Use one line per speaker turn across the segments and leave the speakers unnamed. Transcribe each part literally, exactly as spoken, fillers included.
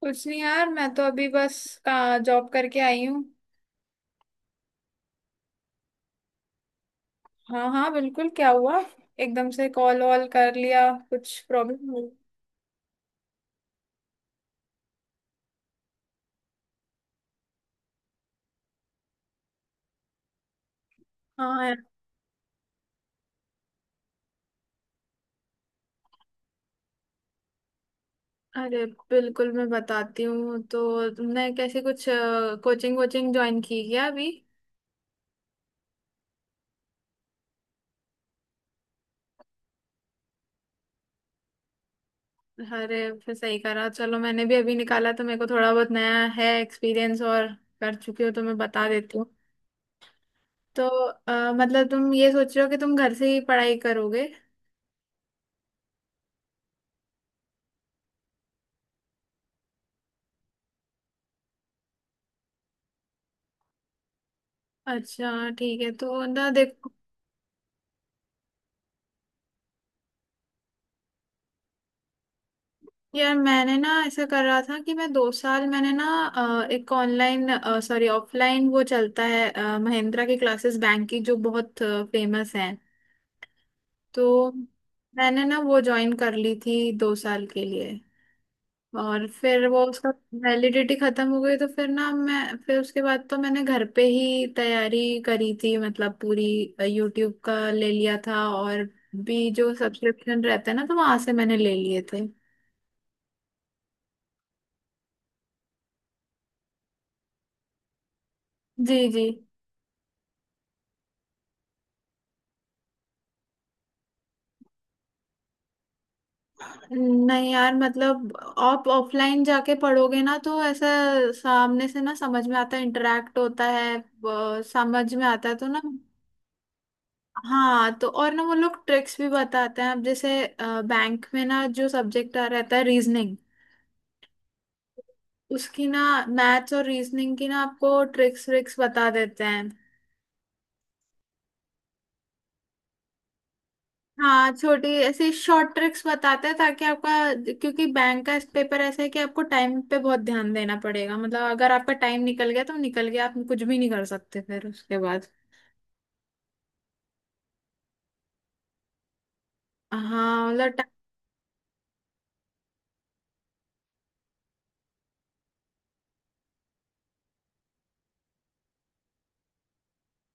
कुछ नहीं यार, मैं तो अभी बस का जॉब करके आई हूँ। हाँ हाँ बिल्कुल, क्या हुआ? एकदम से कॉल वॉल कर लिया, कुछ प्रॉब्लम हो? हाँ यार, अरे बिल्कुल, मैं बताती हूँ। तो तुमने कैसे कुछ कोचिंग वोचिंग ज्वाइन की क्या अभी? अरे फिर सही करा, चलो, मैंने भी अभी निकाला तो मेरे को थोड़ा बहुत नया है एक्सपीरियंस, और कर चुकी हूँ तो मैं बता देती हूँ। तो अ, मतलब तुम ये सोच रहे हो कि तुम घर से ही पढ़ाई करोगे? अच्छा ठीक है, तो ना देखो यार, मैंने ना ऐसा कर रहा था कि मैं दो साल, मैंने ना अ, एक ऑनलाइन, सॉरी ऑफलाइन वो चलता है, अ, महिंद्रा की क्लासेस, बैंक की, जो बहुत फेमस हैं। तो मैंने ना वो ज्वाइन कर ली थी दो साल के लिए, और फिर वो उसका वैलिडिटी खत्म हो गई, तो फिर ना मैं, फिर उसके बाद तो मैंने घर पे ही तैयारी करी थी, मतलब पूरी। यूट्यूब का ले लिया था और भी जो सब्सक्रिप्शन रहते हैं ना, तो वहां से मैंने ले लिए थे। जी जी। नहीं यार, मतलब आप ऑफलाइन जाके पढ़ोगे ना, तो ऐसा सामने से ना समझ में आता है, इंटरेक्ट होता है, अ, समझ में आता है तो ना। हाँ, तो और ना वो लोग ट्रिक्स भी बताते हैं। अब जैसे बैंक में ना जो सब्जेक्ट आ रहता है, रीजनिंग, उसकी ना मैथ्स और रीजनिंग की ना आपको ट्रिक्स व्रिक्स बता देते हैं। हाँ, छोटी ऐसी शॉर्ट ट्रिक्स बताते हैं ताकि आपका, क्योंकि बैंक का पेपर ऐसा है कि आपको टाइम पे बहुत ध्यान देना पड़ेगा, मतलब अगर आपका टाइम निकल गया तो निकल गया, आप कुछ भी नहीं कर सकते फिर उसके बाद। हाँ मतलब टा-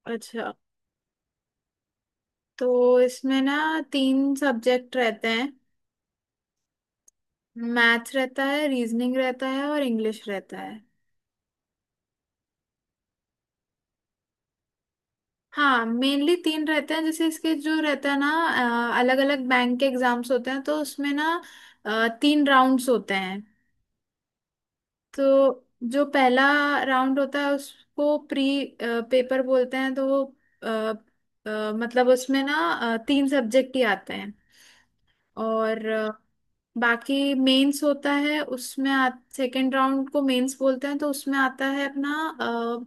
अच्छा, तो इसमें ना तीन सब्जेक्ट रहते हैं। मैथ्स रहता है, रीजनिंग रहता है, और इंग्लिश रहता है। हाँ मेनली तीन रहते हैं। जैसे इसके जो रहता है ना, अलग अलग बैंक के एग्जाम्स होते हैं, तो उसमें ना अ, तीन राउंड्स होते हैं। तो जो पहला राउंड होता है उसको प्री पेपर बोलते हैं, तो वो अ, अ, मतलब उसमें ना अ, तीन सब्जेक्ट ही आते हैं, और अ, बाकी मेंस होता है उसमें। आ, सेकेंड राउंड को मेंस बोलते हैं, तो उसमें आता है अपना, अ,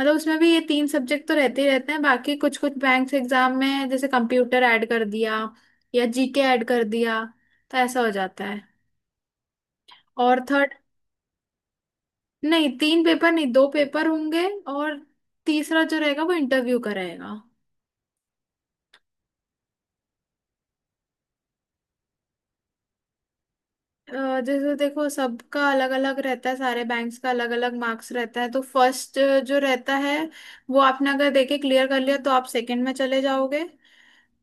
मतलब उसमें भी ये तीन सब्जेक्ट तो रहते ही रहते हैं, बाकी कुछ कुछ बैंक्स एग्जाम में जैसे कंप्यूटर ऐड कर दिया या जीके ऐड कर दिया, तो ऐसा हो जाता है। और थर्ड, नहीं तीन पेपर नहीं, दो पेपर होंगे। और तीसरा जो रहेगा वो इंटरव्यू का रहेगा। अ, जैसे देखो सबका अलग अलग रहता है, सारे बैंक्स का अलग अलग मार्क्स रहता है। तो फर्स्ट जो रहता है वो आपने अगर देखे क्लियर कर लिया तो आप सेकंड में चले जाओगे।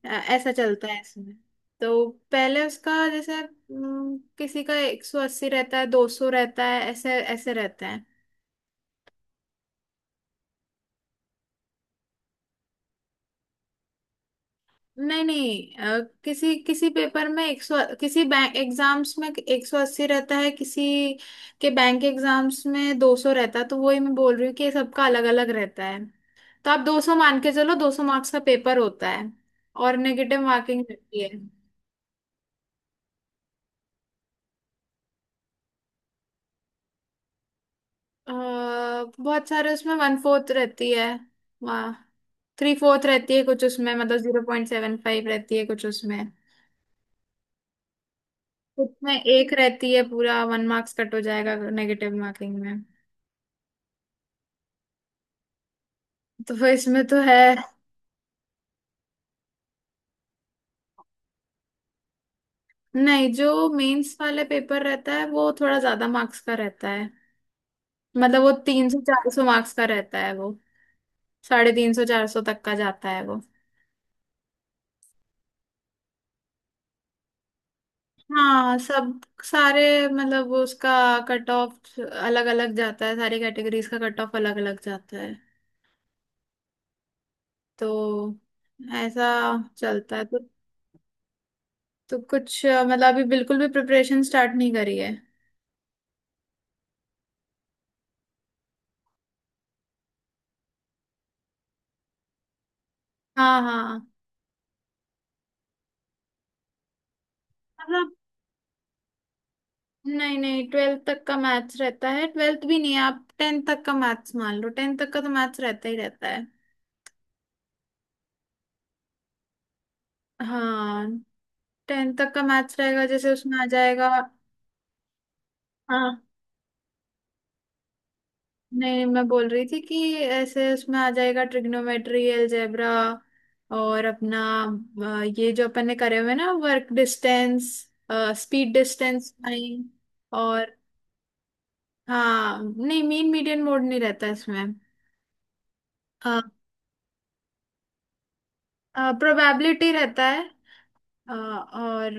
अ, ऐसा चलता है इसमें। तो पहले उसका जैसे हम्म, किसी का एक सौ अस्सी रहता है, दो सौ रहता है, ऐसे ऐसे रहता है। नहीं नहीं, अ, किसी किसी पेपर में एक सौ, किसी बैंक एग्जाम्स में एक सौ अस्सी रहता है, किसी के बैंक एग्जाम्स में दो सौ रहता है। तो वही मैं बोल रही हूँ कि सबका अलग अलग रहता है। तो आप दो सौ मान के चलो, दो सौ मार्क्स का पेपर होता है, और नेगेटिव मार्किंग रहती है। अ, बहुत सारे उसमें वन फोर्थ रहती है, वहाँ थ्री फोर्थ रहती है कुछ उसमें, मतलब जीरो पॉइंट सेवन फाइव रहती है कुछ उसमें, कुछ में एक रहती है, पूरा वन मार्क्स कट हो जाएगा नेगेटिव मार्किंग में। तो फिर इसमें तो है नहीं। जो मेंस वाले पेपर रहता है वो थोड़ा ज्यादा मार्क्स का रहता है, मतलब वो तीन सौ चार सौ मार्क्स का रहता है, वो साढ़े तीन सौ चार सौ तक का जाता है वो। हाँ सब सारे, मतलब वो उसका कट ऑफ अलग अलग जाता है, सारी कैटेगरीज का कट ऑफ अलग अलग जाता है। तो ऐसा चलता है तो, तो कुछ अ, मतलब अभी बिल्कुल भी प्रिपरेशन स्टार्ट नहीं करी है। हाँ हाँ। मतलब नहीं नहीं, ट्वेल्थ तक का मैथ्स रहता है, ट्वेल्थ भी नहीं, आप टेंथ तक का मैथ्स मान लो, टेंथ तक का तो मैथ्स रहता ही रहता है। हाँ, टेंथ तक का मैथ्स रहेगा जैसे उसमें आ जाएगा। हाँ नहीं, मैं बोल रही थी कि ऐसे उसमें आ जाएगा, ट्रिग्नोमेट्री, अलजेब्रा, और अपना अ, ये जो अपन ने करे हुए ना, work distance, speed distance find, और हाँ, नहीं मीन मीडियन मोड नहीं रहता इसमें। प्रोबेबिलिटी रहता है। अ, और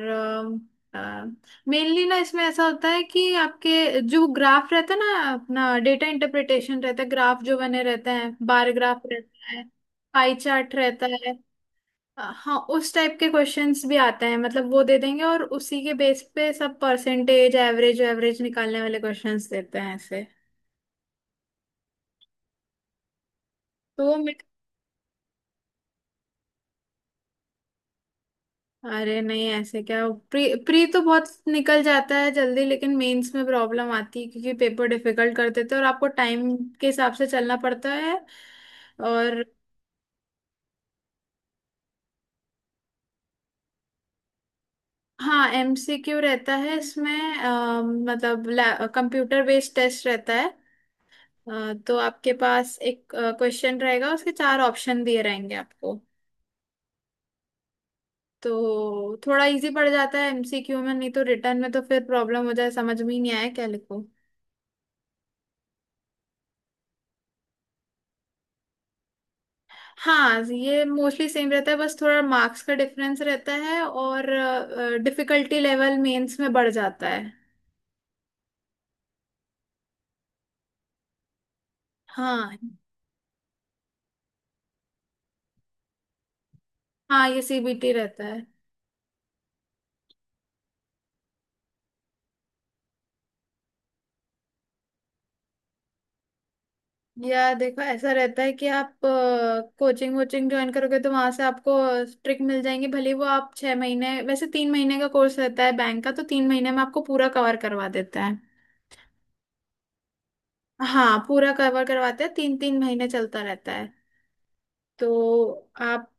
मेनली ना इसमें ऐसा होता है कि आपके जो ग्राफ रहता है ना, अपना डेटा इंटरप्रिटेशन रहता है। ग्राफ जो बने रहते हैं, बार ग्राफ रहता है, पाई चार्ट रहता है। अ, हाँ उस टाइप के क्वेश्चंस भी आते हैं, मतलब वो दे देंगे और उसी के बेस पे सब परसेंटेज, एवरेज, एवरेज निकालने वाले क्वेश्चंस देते हैं ऐसे। तो वो, अरे नहीं ऐसे क्या, प्री प्री तो बहुत निकल जाता है जल्दी, लेकिन मेंस में प्रॉब्लम आती है, क्योंकि पेपर डिफिकल्ट कर देते हैं, तो और आपको टाइम के हिसाब से चलना पड़ता है, और हाँ एमसीक्यू रहता है इसमें। अ, मतलब कंप्यूटर बेस्ड टेस्ट रहता है। अ, तो आपके पास एक क्वेश्चन रहेगा, उसके चार ऑप्शन दिए रहेंगे आपको। तो थोड़ा इजी पड़ जाता है एमसीक्यू में, नहीं तो रिटर्न में तो फिर प्रॉब्लम हो जाए, समझ में ही नहीं आया क्या लिखो। हाँ, ये मोस्टली सेम रहता है, बस थोड़ा मार्क्स का डिफरेंस रहता है, और डिफिकल्टी लेवल मेंस में बढ़ जाता है। हाँ हाँ, ये सीबीटी रहता है। या देखो ऐसा रहता है कि आप कोचिंग वोचिंग ज्वाइन करोगे तो वहां से आपको ट्रिक मिल जाएंगी, भले वो आप छह महीने, वैसे तीन महीने का कोर्स रहता है बैंक का, तो तीन महीने में आपको पूरा कवर करवा देता है। हाँ पूरा कवर करवाते हैं, तीन तीन महीने चलता रहता है। तो आप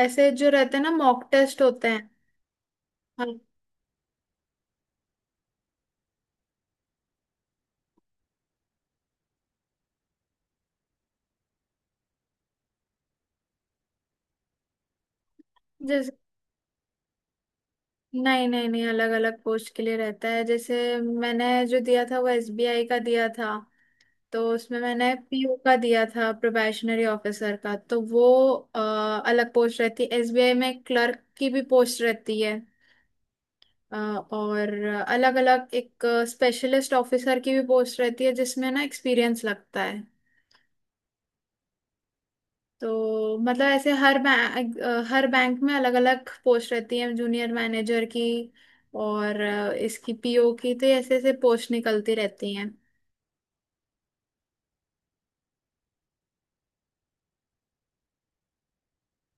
ऐसे जो रहते हैं ना, मॉक टेस्ट होते हैं। हाँ, जिस नहीं नहीं नहीं, अलग अलग पोस्ट के लिए रहता है। जैसे मैंने जो दिया था वो एसबीआई का दिया था, तो उसमें मैंने पीओ का दिया था, प्रोबेशनरी ऑफिसर का, तो वो अ, अलग पोस्ट रहती है। एसबीआई में क्लर्क की भी पोस्ट रहती है, अ, और अलग अलग, एक स्पेशलिस्ट ऑफिसर की भी पोस्ट रहती है जिसमें ना एक्सपीरियंस लगता है। तो मतलब ऐसे हर बैंक, हर बैंक में अलग अलग पोस्ट रहती है, जूनियर मैनेजर की और अ, इसकी पीओ की, तो ऐसे ऐसे पोस्ट निकलती रहती हैं।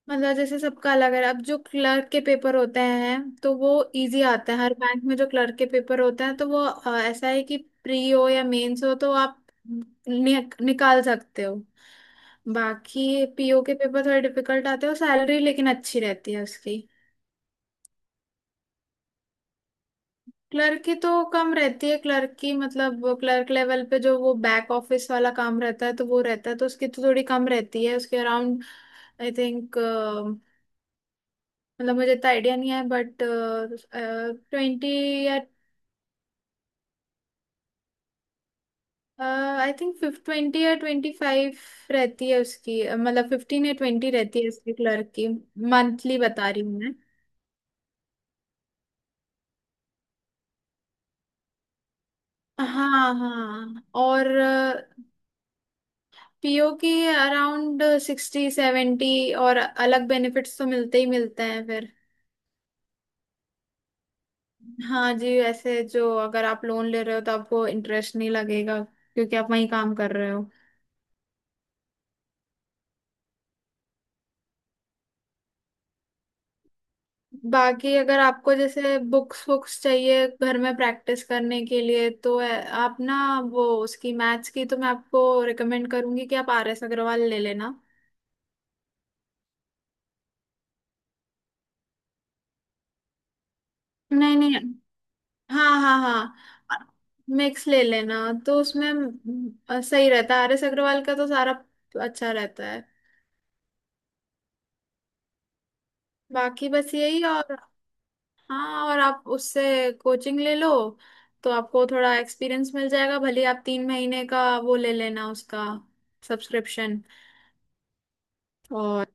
मतलब जैसे सबका अलग है, अब जो क्लर्क के पेपर होते हैं तो वो इजी आता है, हर बैंक में जो क्लर्क के पेपर होते हैं तो वो अ, ऐसा है कि प्री हो या मेंस हो तो आप नि, निकाल सकते हो। बाकी पीओ के पेपर थोड़े डिफिकल्ट आते हैं, और सैलरी लेकिन अच्छी रहती है उसकी। क्लर्क की तो कम रहती है, क्लर्क की मतलब क्लर्क लेवल पे जो वो बैक ऑफिस वाला काम रहता है तो वो रहता है, तो उसकी तो थोड़ी कम रहती है उसके अराउंड। आई थिंक मतलब मुझे इतना आइडिया नहीं है, बट ट्वेंटी या, आई थिंक फिफ्ट ट्वेंटी या ट्वेंटी फाइव रहती है उसकी, अ, मतलब फिफ्टीन या ट्वेंटी रहती है उसकी क्लर्क की, मंथली बता रही हूँ मैं। हाँ हाँ, और पीओ की अराउंड सिक्सटी सेवेंटी, और अलग बेनिफिट्स तो मिलते ही मिलते हैं फिर। हाँ जी, ऐसे जो अगर आप लोन ले रहे हो तो आपको इंटरेस्ट नहीं लगेगा, क्योंकि आप वहीं काम कर रहे हो। बाकी अगर आपको जैसे बुक्स बुक्स चाहिए घर में प्रैक्टिस करने के लिए तो अ, आप ना वो, उसकी मैथ्स की तो मैं आपको रिकमेंड करूंगी कि आप आर एस अग्रवाल ले लेना। नहीं नहीं। हाँ हाँ हाँ, मिक्स ले लेना। तो उसमें म, अ, सही रहता है, आरएस अग्रवाल का तो सारा अच्छा रहता है। बाकी बस यही, और हाँ, और आप उससे कोचिंग ले लो तो आपको थोड़ा एक्सपीरियंस मिल जाएगा, भले ही आप तीन महीने का वो ले लेना उसका सब्सक्रिप्शन। और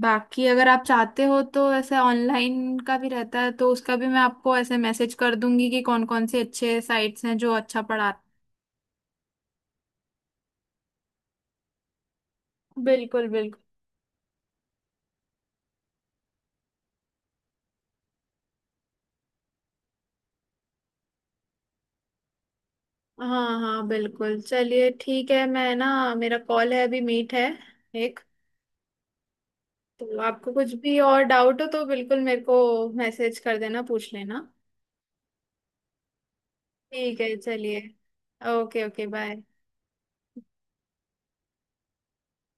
बाकी अगर आप चाहते हो तो ऐसे ऑनलाइन का भी रहता है, तो उसका भी मैं आपको ऐसे मैसेज कर दूंगी कि कौन कौन से अच्छे साइट्स हैं जो अच्छा पढ़ाते हैं, बिल्कुल बिल्कुल। हाँ हाँ बिल्कुल चलिए, ठीक है, मैं ना, मेरा कॉल है अभी, मीट है एक। तो आपको कुछ भी और डाउट हो तो बिल्कुल मेरे को मैसेज कर देना, पूछ लेना। ठीक है, चलिए, ओके ओके, बाय।